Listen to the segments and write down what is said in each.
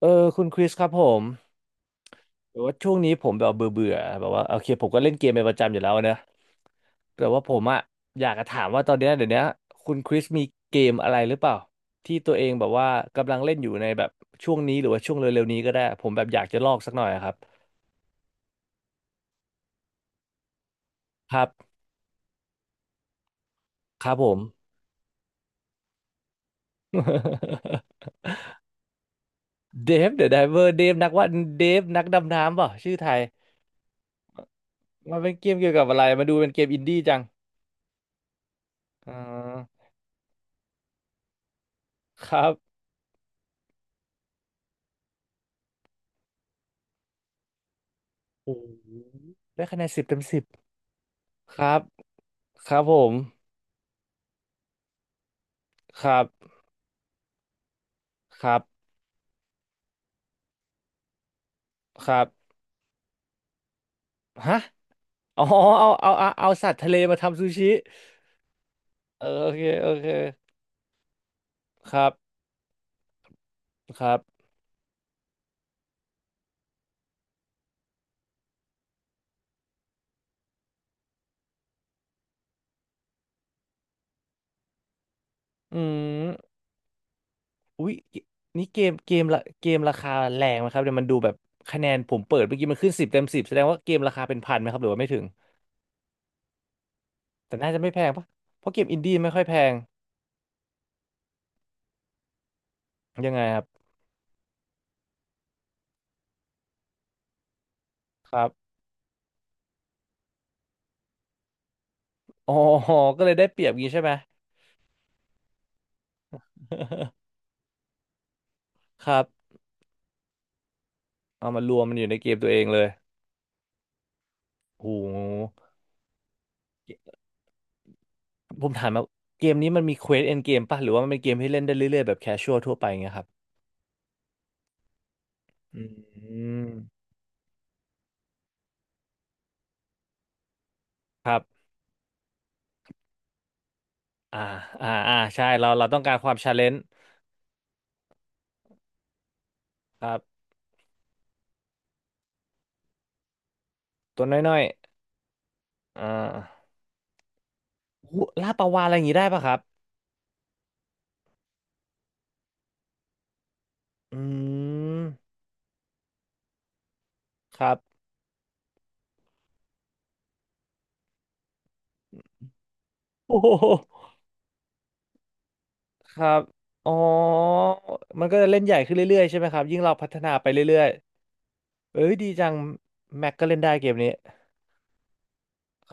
เออคุณคริสครับผมแต่ว่าช่วงนี้ผมแบบเบื่อเบื่อแบบว่าโอเคผมก็เล่นเกมเป็นประจำอยู่แล้วนะแต่ว่าผมอะอยากจะถามว่าตอนเนี้ยเดี๋ยวเนี้ยคุณคริสมีเกมอะไรหรือเปล่าที่ตัวเองแบบว่ากำลังเล่นอยู่ในแบบช่วงนี้หรือว่าช่วงเร็วๆนี้ก็ได้ผมแบบอยากจะลอกสักหน่อยอะครับครับครับผม เดฟเดอะไดเวอร์เดฟนักว่าเดฟนักดำน้ำเปล่าชื่อไทยมันเป็นเกมเกี่ยวกับอะไรมาดูเป็นเกมอินดี้จังอ่าครับโอ้โหได้คะแนนสิบเต็มสิบ ครับครับผมครับครับครับ ฮะอ๋อเอาสัตว์ทะเลมาทำซูชิเออโอเคโอเคครับครับอืมอุ๊ยนี่เกมเกมละเกมราคาแรงไหมครับเดี๋ยวมันดูแบบคะแนนผมเปิดเมื่อกี้มันขึ้นสิบเต็มสิบแสดงว่าเกมราคาเป็นพันไหมครับหรือว่าไม่ถึง แต่น่าจะไม่แพงปะเพราะเกมอินดี้ไม่ค่อยแพงยังไงครับครับอ๋อก็เลยได้เปรียบงี้ใช่ไหม ครับเอามารวมมันอยู่ในเกมตัวเองเลยโห ผมถามมาเกมนี้มันมีเควสเอนเกมป่ะหรือว่ามันเป็นเกมที่เล่นได้เรื่อยๆแบบแคชชวลทั่วไปเงี้ยครับอืมครับอ่าใช่เราต้องการความชาเลนจ์ครับตัวน้อยๆอ่าหูล่าปลาวาฬอะไรอย่างงี้ได้ป่ะครับอืมครับโอ้โหครับอ๋อมันก็จะเล่นใหญ่ขึ้นเรื่อยๆใช่ไหมครับยิ่งเราพัฒนาไปเรื่อยๆเอ้ยดีจังแม็กก็เล่นได้เกมนี้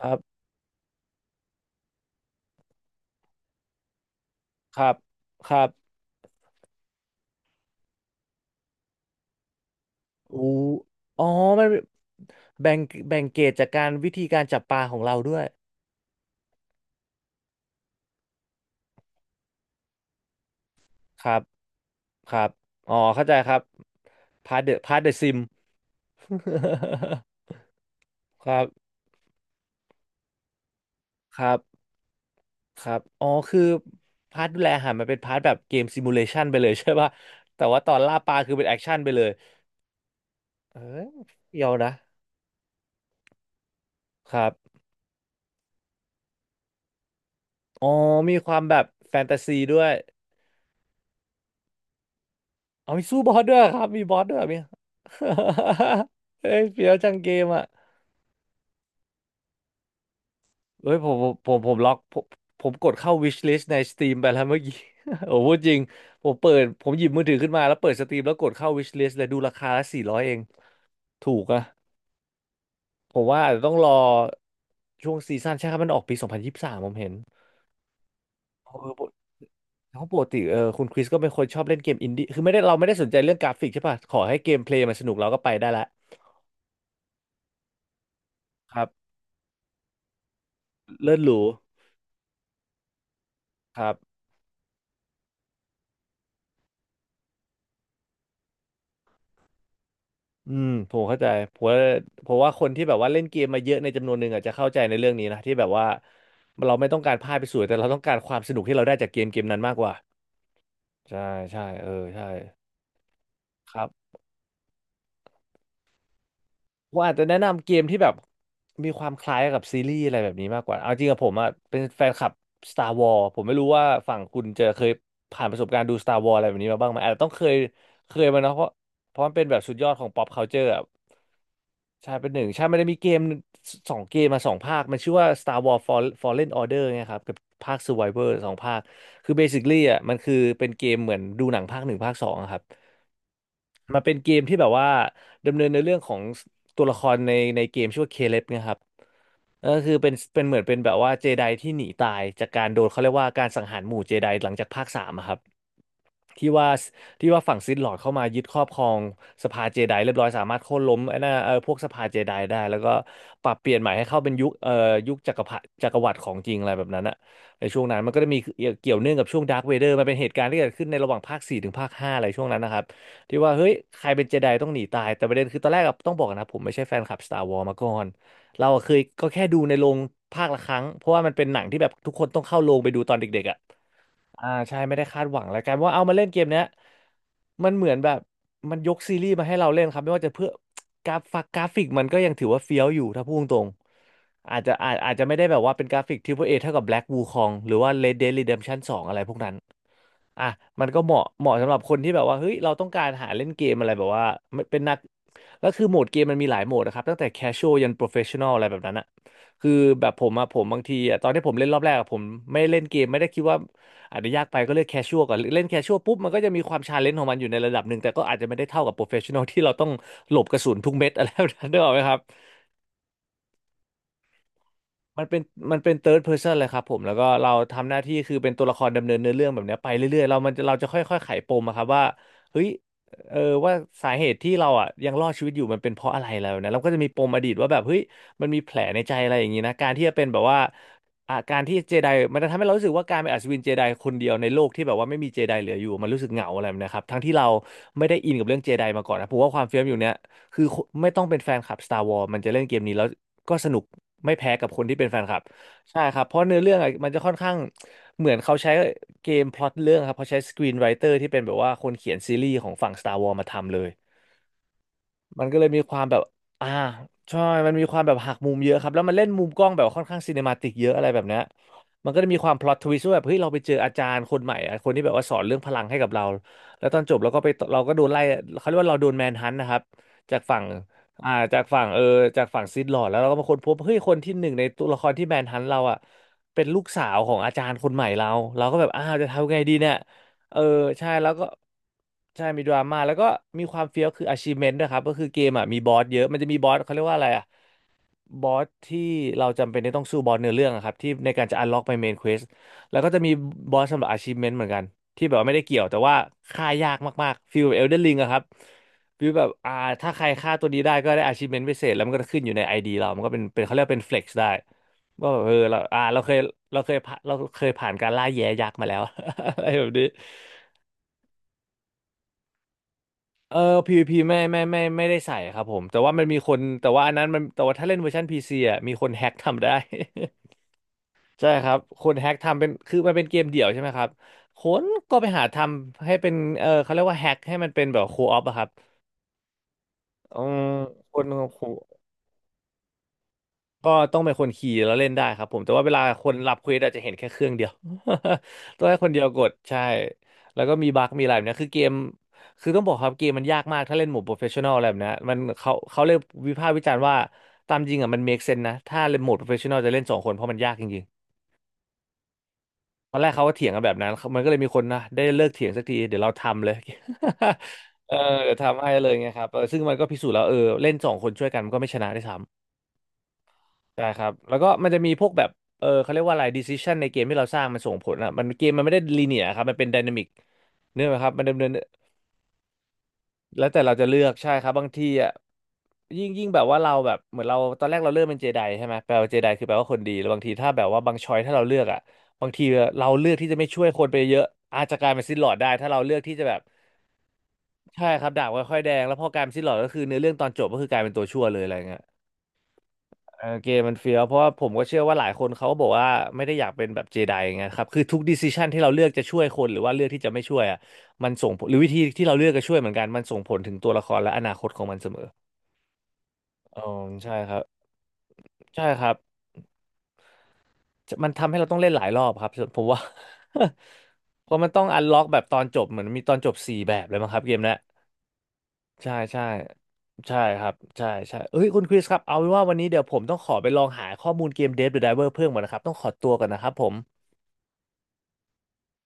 ครับครับครับ โอ้อ๋อมันแบ่งแบ่งเกรดจากการวิธีการจับปลาของเราด้วย ครับครับ อ๋อเข้าใจครับพาร์ทเดอะพาร์ทเดอะซิม ครับครับครับอ๋อคือ พาร์ทดูแลอาหารมันเป็นพาร์ทแบบเกมซิมูเลชันไปเลย ใช่ป่ะแต่ว่าตอนล่าปลาคือเป็นแอคชั่นไปเลยเออเดียวนะ ครับ อ๋อมีความแบบแฟนตาซีด้วยอ๋อมีสู้บอสด้วยครับ มีบอสด้วยมหรี ยเฮ้ยเฟี้ยวจังเกมอ่ะ เอ้ยผมล็อกผมผมกดเข้า wish list ใน Steam ไปแล้วเมื่อกี้ โอ้พูดจริง ผมเปิดผมหยิบมือถือขึ้นมาแล้วเปิด Steam แล้วกดเข้า wish list เลยดูราคาละ400เอง ถูกอะผมว่าอาจจะต้องรอช่วงซีซั่นใช่ครับมันออกปี 2023ผมเห็นเออปกเขาปกติคุณคริสก็เป็นคนชอบเล่นเกมอินดี้คือไม่ได้เราไม่ได้สนใจเรื่องกราฟิกใช่ป่ะ ขอให้เกมเพลย์มันสนุกเราก็ไปได้ละครับเลิศหรูครับ อืมผมเข้าใจผมว่าผมว่าคนที่แบบว่าเล่นเกมมาเยอะในจำนวนหนึ่งอาจจะเข้าใจในเรื่องนี้นะที่แบบว่าเราไม่ต้องการภาพไปสวยแต่เราต้องการความสนุกที่เราได้จากเกมเกมนั้นมากกว่าใช่ใช่เออใช่ครับผมอาจจะแนะนำเกมที่แบบมีความคล้ายกับซีรีส์อะไรแบบนี้มากกว่าเอาจริงกับผมอ่ะเป็นแฟนคลับ Star Wars ผมไม่รู้ว่าฝั่งคุณจะเคยผ่านประสบการณ์ดู Star Wars อะไรแบบนี้มาบ้างไหมอาจจะต้องเคยเคยมาเนอะเพราะเพราะมันเป็นแบบสุดยอดของ pop culture อะ ใช่เป็นหนึ่งใช่มันจะมีเกมสองเกมมาสองภาคมันชื่อว่า Star Wars Fallen Order ไงครับกับภาค Survivor สองภาคคือ basically อ่ะมันคือเป็นเกมเหมือนดูหนังภาคหนึ่งภาคสองอะครับมันเป็นเกมที่แบบว่าดำเนินในเรื่องของตัวละครในเกมชื่อว่าเคเลบนะครับก็คือเป็นเหมือนเป็นแบบว่าเจไดที่หนีตายจากการโดนเขาเรียกว่าการสังหารหมู่เจไดหลังจากภาคสามอะครับ ที่ว่าที่ว่าฝั่งซิธลอร์ดเข้ามายึดครอบครองสภาเจไดเรียบร้อยสามารถโค่นล้มไอ้น่าเออพวกสภาเจไดได้แล้วก็ปรับเปลี่ยนใหม่ให้เข้าเป็นยุคจักรวรรดิของจริงอะไรแบบนั้นอะในช่วงนั้นมันก็จะมีเกี่ยวเนื่องกับช่วงดาร์ v เวเดอร์มันเป็นเหตุการณ์ที่เกิดขึ้นในระหว่างภาคสี่ถึงภาคห้าอะไรช่วงนั้นนะครับที่ว่าเฮ้ยใครเป็นเจไดต้องหนีตายแต่ประเด็นคือตอนแรกอะต้องบอกกอนนะผมไม่ใช่แฟนคลับ Star Wars มาก่อนเราอะเคยก็แค่ดูในโรงภาคละครั้งเพราะว่ามันเป็นหนังที่แบบทุกคนต้องเข้าโรงไปดูตอนเด็กๆอะ อ่าใช่ไม่ได้คาดหวังแล้วกันว่าเอามาเล่นเกมเนี้ยมันเหมือนแบบมันยกซีรีส์มาให้เราเล่นครับไม่ว่าจะเพื่อกราฟกกราฟิกมันก็ยังถือว่าเฟี้ยวอยู่ถ้าพูดตรงๆอาจจะอาจจะไม่ได้แบบว่าเป็นกราฟิก Triple A เปิ้ลเอเท่ากับ Black Wukong หรือว่า Red Dead Redemption 2องอะไรพวกนั้น อ่ะมันก็เหมาะสำหรับคนที่แบบว่าเฮ้ยเราต้องการหาเล่นเกมอะไรแบบว่ามันเป็นนักแล้วคือโหมดเกมมันมีหลายโหมดนะครับตั้งแต่ casual ยัน professional อะไรแบบนั้นอะคือแบบผมอะผมบางทีอะตอนที่ผมเล่นรอบแรกอะผมไม่เล่นเกมไม่ได้คิดว่าอาจจะยากไปก็เลือก casual ก่อนเล่น casual ปุ๊บมันก็จะมีความชาเลนจ์ของมันอยู่ในระดับหนึ่งแต่ก็อาจจะไม่ได้เท่ากับ professional ที่เราต้องหลบกระสุนทุกเม็ดอะไรแบบนั้นได้หรอกไหมครับ มันเป็นมันเป็น third person เลยครับผมแล้วก็เราทำหน้าที่คือเป็นตัวละครดำเนินเนื้อเรื่องแบบเนี้ยไปเรื่อยๆเรามันเราจะค่อยๆไขปมอะครับว่าเฮ้ยเออว่าสาเหตุที่เราอ่ะยังรอดชีวิตอยู่มันเป็นเพราะอะไรแล้วนะเราก็จะมีปมอดีตว่าแบบเฮ้ยมันมีแผลในใจอะไรอย่างนี้นะการที่จะเป็นแบบว่าอาการที่เจไดมันจะทำให้เรารู้สึกว่าการเป็นอัศวินเจไดคนเดียวในโลกที่แบบว่าไม่มีเจไดเหลืออยู่มันรู้สึกเหงาอะไรแบบเนะครับทั้งที่เราไม่ได้อินกับเรื่องเจไดมาก่อนนะผมว่าความเฟี้ยวอยู่เนี้ยคือไม่ต้องเป็นแฟนคลับ Star Wars มันจะเล่นเกมนี้แล้วก็สนุก ไม่แพ้กับคนที่เป็นแฟนคลับใช่ครับเพราะเนื้อเรื่องอะมันจะค่อนข้างเหมือนเขาใช้เกมพล็อตเรื่องครับเขาใช้สกรีนไรเตอร์ที่เป็นแบบว่าคนเขียนซีรีส์ของฝั่ง Star Wars มาทำเลย มันก็เลยมีความแบบอ่าใช่มันมีความแบบหักมุมเยอะครับแล้วมันเล่นมุมกล้องแบบค่อนข้างซีเนมาติกเยอะอะไรแบบเนี้ยมันก็จะมีความพล็อตทวิสต์ว่าแบบเฮ้ยเราไปเจออาจารย์คนใหม่อะคนที่แบบว่าสอนเรื่องพลังให้กับเราแล้วตอนจบเราก็ไปเราก็โดนไล่เขาเรียกว่าเราโดนแมนฮันต์นะครับจากฝั่งอ่าจากฝั่งจากฝั่งซิธลอร์ดแล้วเราก็มาค้นพบเฮ้ยคนที่หนึ่งในตัวละครที่แมนฮันต์เราอ่ะเป็นลูกสาวของอาจารย์คนใหม่เราเราก็แบบอ้าวจะทำไงดีเนี่ย เออใช่แล้วก็ใช่มีดราม่าแล้วก็มีความเฟี้ยวคือ achievement ด้วยครับก็คือเกมอ่ะมีบอสเยอะมันจะมีบอสเขาเรียกว่าอะไรอ่ะบอสที่เราจำเป็นที่ต้องสู้บอสเนื้อเรื่องอะครับที่ในการจะ unlock ไป main quest แล้วก็จะมีบอสสำหรับ achievement เหมือนกันที่แบบว่าไม่ได้เกี่ยวแต่ว่าฆ่ายากมากๆฟีลแบบ Elden Ring อะครับฟีลแบบอ่าถ้าใครฆ่าตัวนี้ได้ก็ได้ achievement พิเศษแล้วมันก็จะขึ้นอยู่ใน ID เรามันก็เป็นเขาเรียกว่าเป็น flex ได้ว่าแบบเออเราอ่าเราเคยเราเคยผ่านเราเคยผ่านการล่าแย้ยักษ์มาแล้ว อะไรแบบนี้ เออ PVP ไม่ได้ใส่ครับผมแต่ว่ามันมีคนแต่ว่าถ้าเล่นเวอร์ชัน PC อ่ะมีคนแฮ็กทำได้ ใช่ครับคนแฮ็กทำเป็นคือมันเป็นเกมเดี่ยวใช่ไหมครับคนก็ไปหาทำให้เป็นเขาเรียกว่าแฮ็กให้มันเป็นแบบโคออฟอะครับอืมคนโอ ก็ต้องเป็นคนขี่แล้วเล่นได้ครับผมแต่ว่าเวลาคนรับเควสอาจจะเห็นแค่เครื่องเดียว ต้องให้คนเดียวกดใช่แล้วก็มีบั๊กมีอะไรแบบเนี้ยคือเกมคือต้องบอกครับเกมมันยากมากถ้าเล่นหมู่โปรเฟชชั่นอลอะไรแบบเนี้ยมันเขาเลยวิพากษ์วิจารณ์ว่าตามจริงอ่ะมันเมคเซนนะถ้าเล่นโหมดโปรเฟชชั่นอลจะเล่นสองคนเพราะมันยากจริงๆตอนแรกเขาก็เถียงกันแบบนั้นมันก็เลยมีคนนะได้เลิกเถียงสักทีเดี๋ยวเราทำเลย เออเดี๋ยวทำให้เลยไงครับเออซึ่งมันก็พิสูจน์แล้วเออเล่นสองคนช่วยกันมันก็ไม่ชนะได้วยซ้ำ ใช่ครับแล้วก็มันจะมีพวกแบบเออเขาเรียกว่าอะไร decision ในเกมที่เราสร้างมันส่งผลอ่ะมันเกมมันไม่ได้ลีเนียครับมันเป็น dynamic เนื่องไหมครับมันดำเนินแล้วแต่เราจะเลือกใช่ครับบางทีอ่ะยิ่งแบบว่าเราแบบเหมือนเราตอนแรกเราเลือกเป็นเจไดใช่ไหมแปลว่าเจไดคือแปลว่าคนดีแล้วบางทีถ้าแบบว่าบางชอยถ้าเราเลือกอ่ะบางทีเราเลือกที่จะไม่ช่วยคนไปเยอะอาจจะกลายเป็นซิลลอร์ดได้ถ้าเราเลือกที่จะแบบใช่ครับดาบค่อยๆแดงแล้วพอกลายเป็นซิลลอร์ดก็คือเนื้อเรื่องตอนจบก็คือกลายเป็นตัวชั่วเลยอะไรเงี้ย เออเกมมันเฟี้ยวเพราะว่าผมก็เชื่อว่าหลายคนเขาบอกว่าไม่ได้อยากเป็นแบบเจไดไงครับคือทุกดิส i ชันที่เราเลือกจะช่วยคนหรือว่าเลือกที่จะไม่ช่วยอ่ะมันส่งผลหรือวิธีที่เราเลือกจะช่วยเหมือนกันมันส่งผลถึงตัวละครและอนาคตของมันเสมออ๋อใช่ครับใช่ครับมันทำให้เราต้องเล่นหลายรอบครับผมว่า เพราะมันต้องอันล็อกแบบตอนจบเหมือนมีตอนจบสี่แบบเลยมั้งครับเกมเนี้ยใช่ใช่ใช่ครับใช่ใช่เอ้ยคุณคริสครับเอาเป็นว่าวันนี้เดี๋ยวผมต้องขอไปลองหาข้อมูลเกม Dead by Diver เพิ่มก่อนนะครับต้องขอตัวก่อนนะครับผม